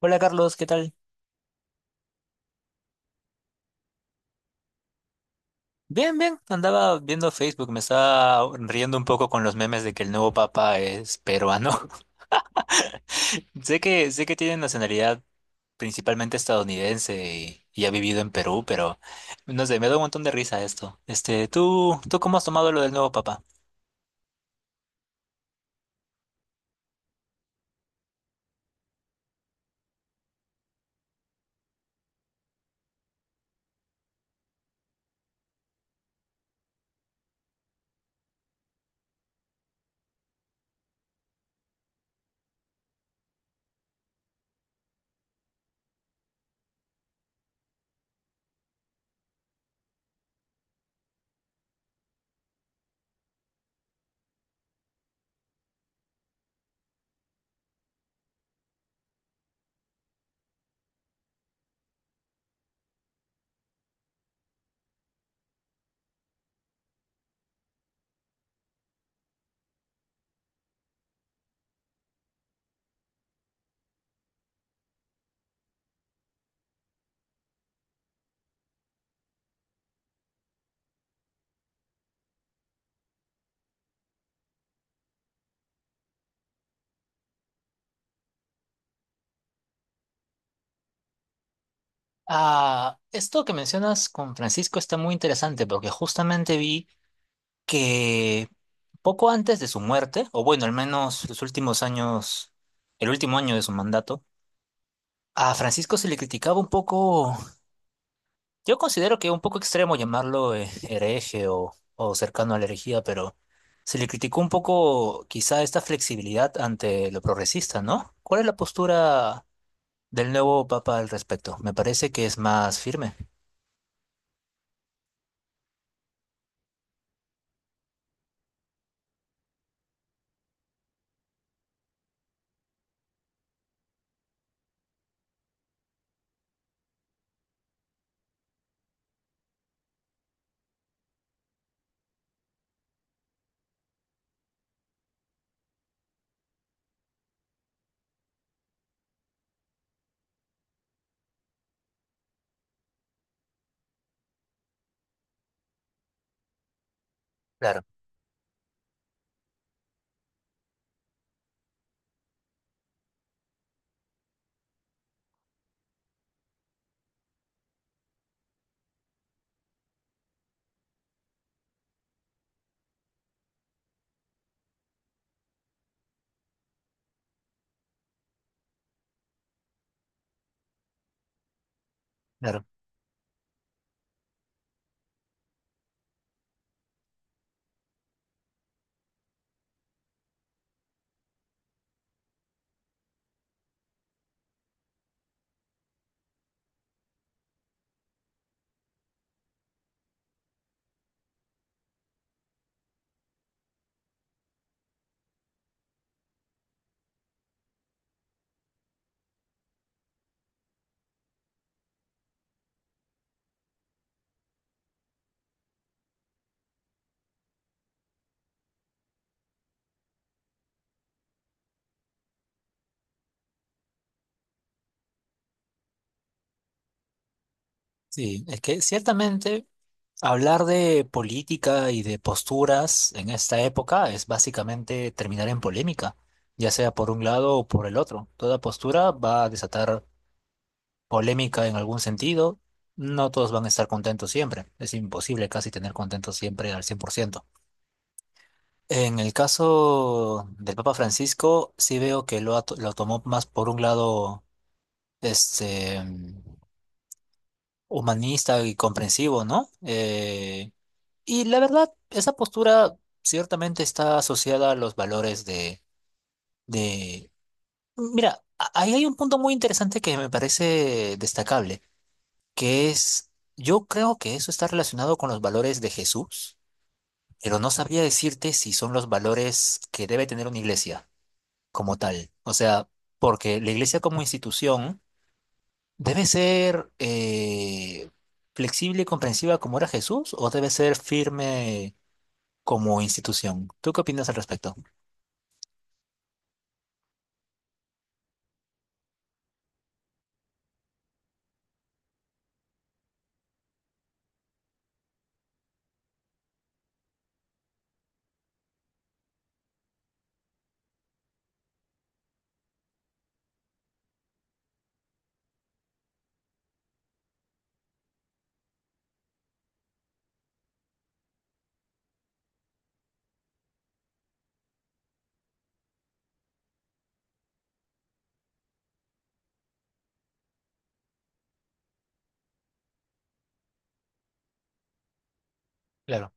Hola Carlos, ¿qué tal? Bien, bien, andaba viendo Facebook, me estaba riendo un poco con los memes de que el nuevo papa es peruano. Sé que tiene nacionalidad principalmente estadounidense y ha vivido en Perú, pero no sé, me da un montón de risa esto. Este, ¿tú cómo has tomado lo del nuevo papa? Ah, esto que mencionas con Francisco está muy interesante porque justamente vi que poco antes de su muerte, o bueno, al menos los últimos años, el último año de su mandato, a Francisco se le criticaba un poco, yo considero que un poco extremo llamarlo hereje o cercano a la herejía, pero se le criticó un poco quizá esta flexibilidad ante lo progresista, ¿no? ¿Cuál es la postura del nuevo papa al respecto? Me parece que es más firme. Claro, claro. Sí, es que ciertamente hablar de política y de posturas en esta época es básicamente terminar en polémica, ya sea por un lado o por el otro. Toda postura va a desatar polémica en algún sentido, no todos van a estar contentos siempre. Es imposible casi tener contentos siempre al cien por ciento. En el caso del Papa Francisco, sí veo que lo tomó más por un lado este, humanista y comprensivo, ¿no? Y la verdad, esa postura ciertamente está asociada a los valores de... Mira, ahí hay un punto muy interesante que me parece destacable. Que es, yo creo que eso está relacionado con los valores de Jesús, pero no sabría decirte si son los valores que debe tener una iglesia como tal. O sea, porque la iglesia como institución debe ser flexible y comprensiva como era Jesús o debe ser firme como institución. ¿Tú qué opinas al respecto? Claro,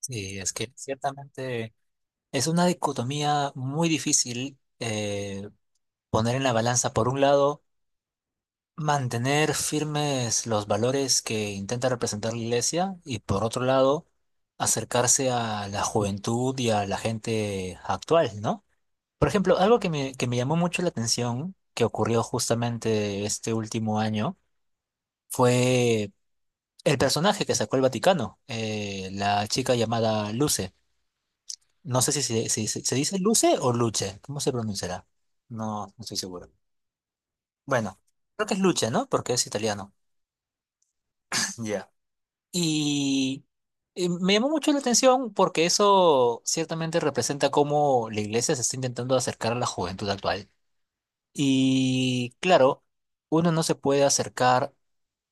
sí, es que ciertamente es una dicotomía muy difícil poner en la balanza, por un lado, mantener firmes los valores que intenta representar la iglesia y por otro lado acercarse a la juventud y a la gente actual, ¿no? Por ejemplo, algo que me llamó mucho la atención que ocurrió justamente este último año fue el personaje que sacó el Vaticano, la chica llamada Luce. No sé si se, si se dice Luce o Luce, ¿cómo se pronunciará? No, no estoy seguro. Bueno, creo que es Luce, ¿no? Porque es italiano. Ya. Y me llamó mucho la atención porque eso ciertamente representa cómo la iglesia se está intentando acercar a la juventud actual. Y claro, uno no se puede acercar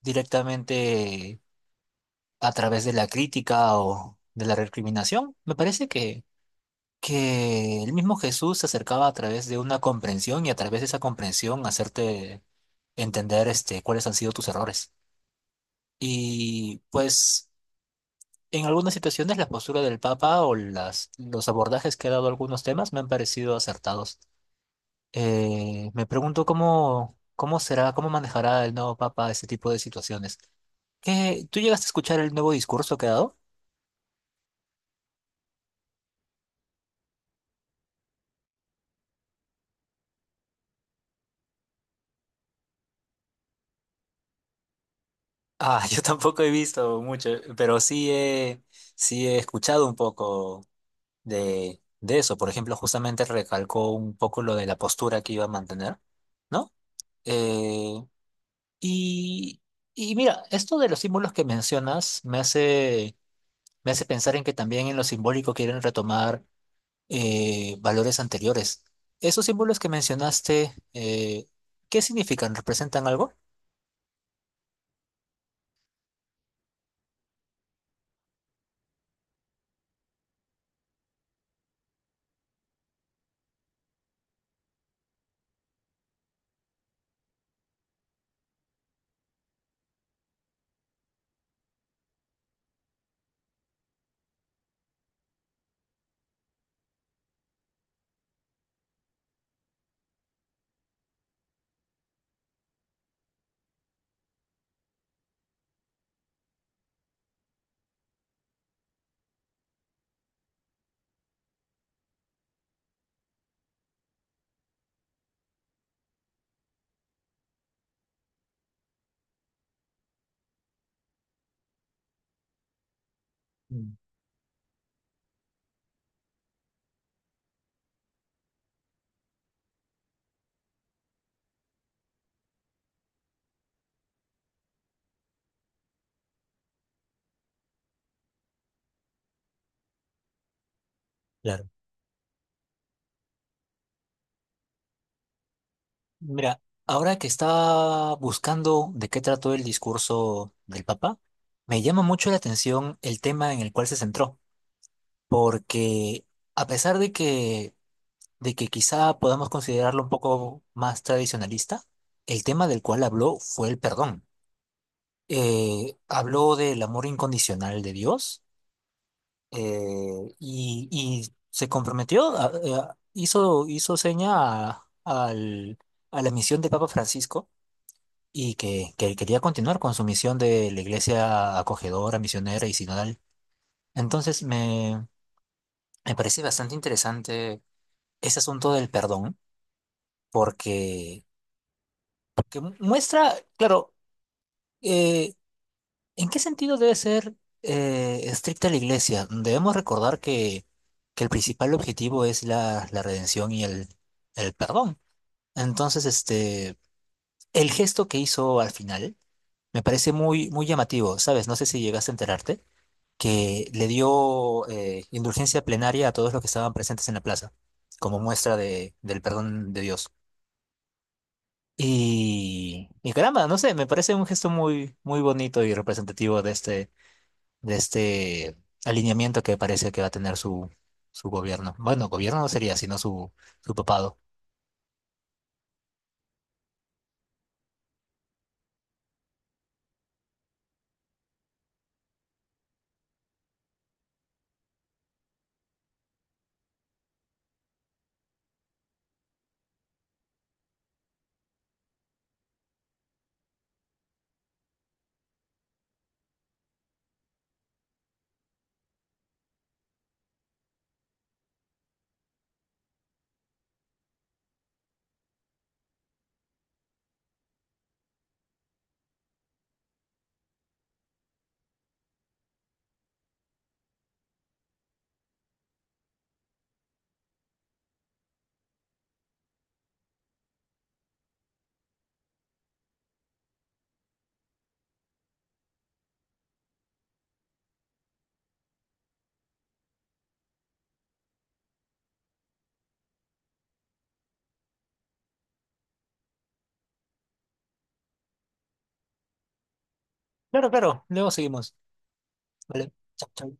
directamente a través de la crítica o de la recriminación. Me parece que el mismo Jesús se acercaba a través de una comprensión y a través de esa comprensión hacerte entender este, cuáles han sido tus errores. Y pues... en algunas situaciones la postura del Papa o las, los abordajes que ha dado a algunos temas me han parecido acertados. Me pregunto cómo, cómo será, cómo manejará el nuevo Papa este tipo de situaciones. ¿Qué- ¿Tú llegaste a escuchar el nuevo discurso que ha dado? Ah, yo tampoco he visto mucho, pero sí he escuchado un poco de eso. Por ejemplo, justamente recalcó un poco lo de la postura que iba a mantener, ¿no? Eh, Y, y mira, esto de los símbolos que mencionas me hace pensar en que también en lo simbólico quieren retomar valores anteriores. ¿Esos símbolos que mencionaste, qué significan? ¿Representan algo? Mm, Claro. Mira, ahora que estaba buscando de qué trató el discurso del Papa, me llama mucho la atención el tema en el cual se centró, porque a pesar de que quizá podamos considerarlo un poco más tradicionalista, el tema del cual habló fue el perdón. Habló del amor incondicional de Dios eh, y se comprometió, hizo, hizo seña a la misión de Papa Francisco y que quería continuar con su misión de la iglesia acogedora, misionera y sinodal. Entonces me parece bastante interesante ese asunto del perdón porque muestra, claro, eh, ¿en qué sentido debe ser estricta la iglesia? Debemos recordar que el principal objetivo es la, la redención y el perdón. Entonces, este, el gesto que hizo al final me parece muy, muy llamativo, ¿sabes? No sé si llegaste a enterarte, que le dio indulgencia plenaria a todos los que estaban presentes en la plaza, como muestra de, del perdón de Dios. Y caramba, no sé, me parece un gesto muy, muy bonito y representativo de este alineamiento que parece que va a tener su, su gobierno. Bueno, gobierno no sería, sino su, su papado. Claro, claro, luego seguimos. Vale. Chau, chau.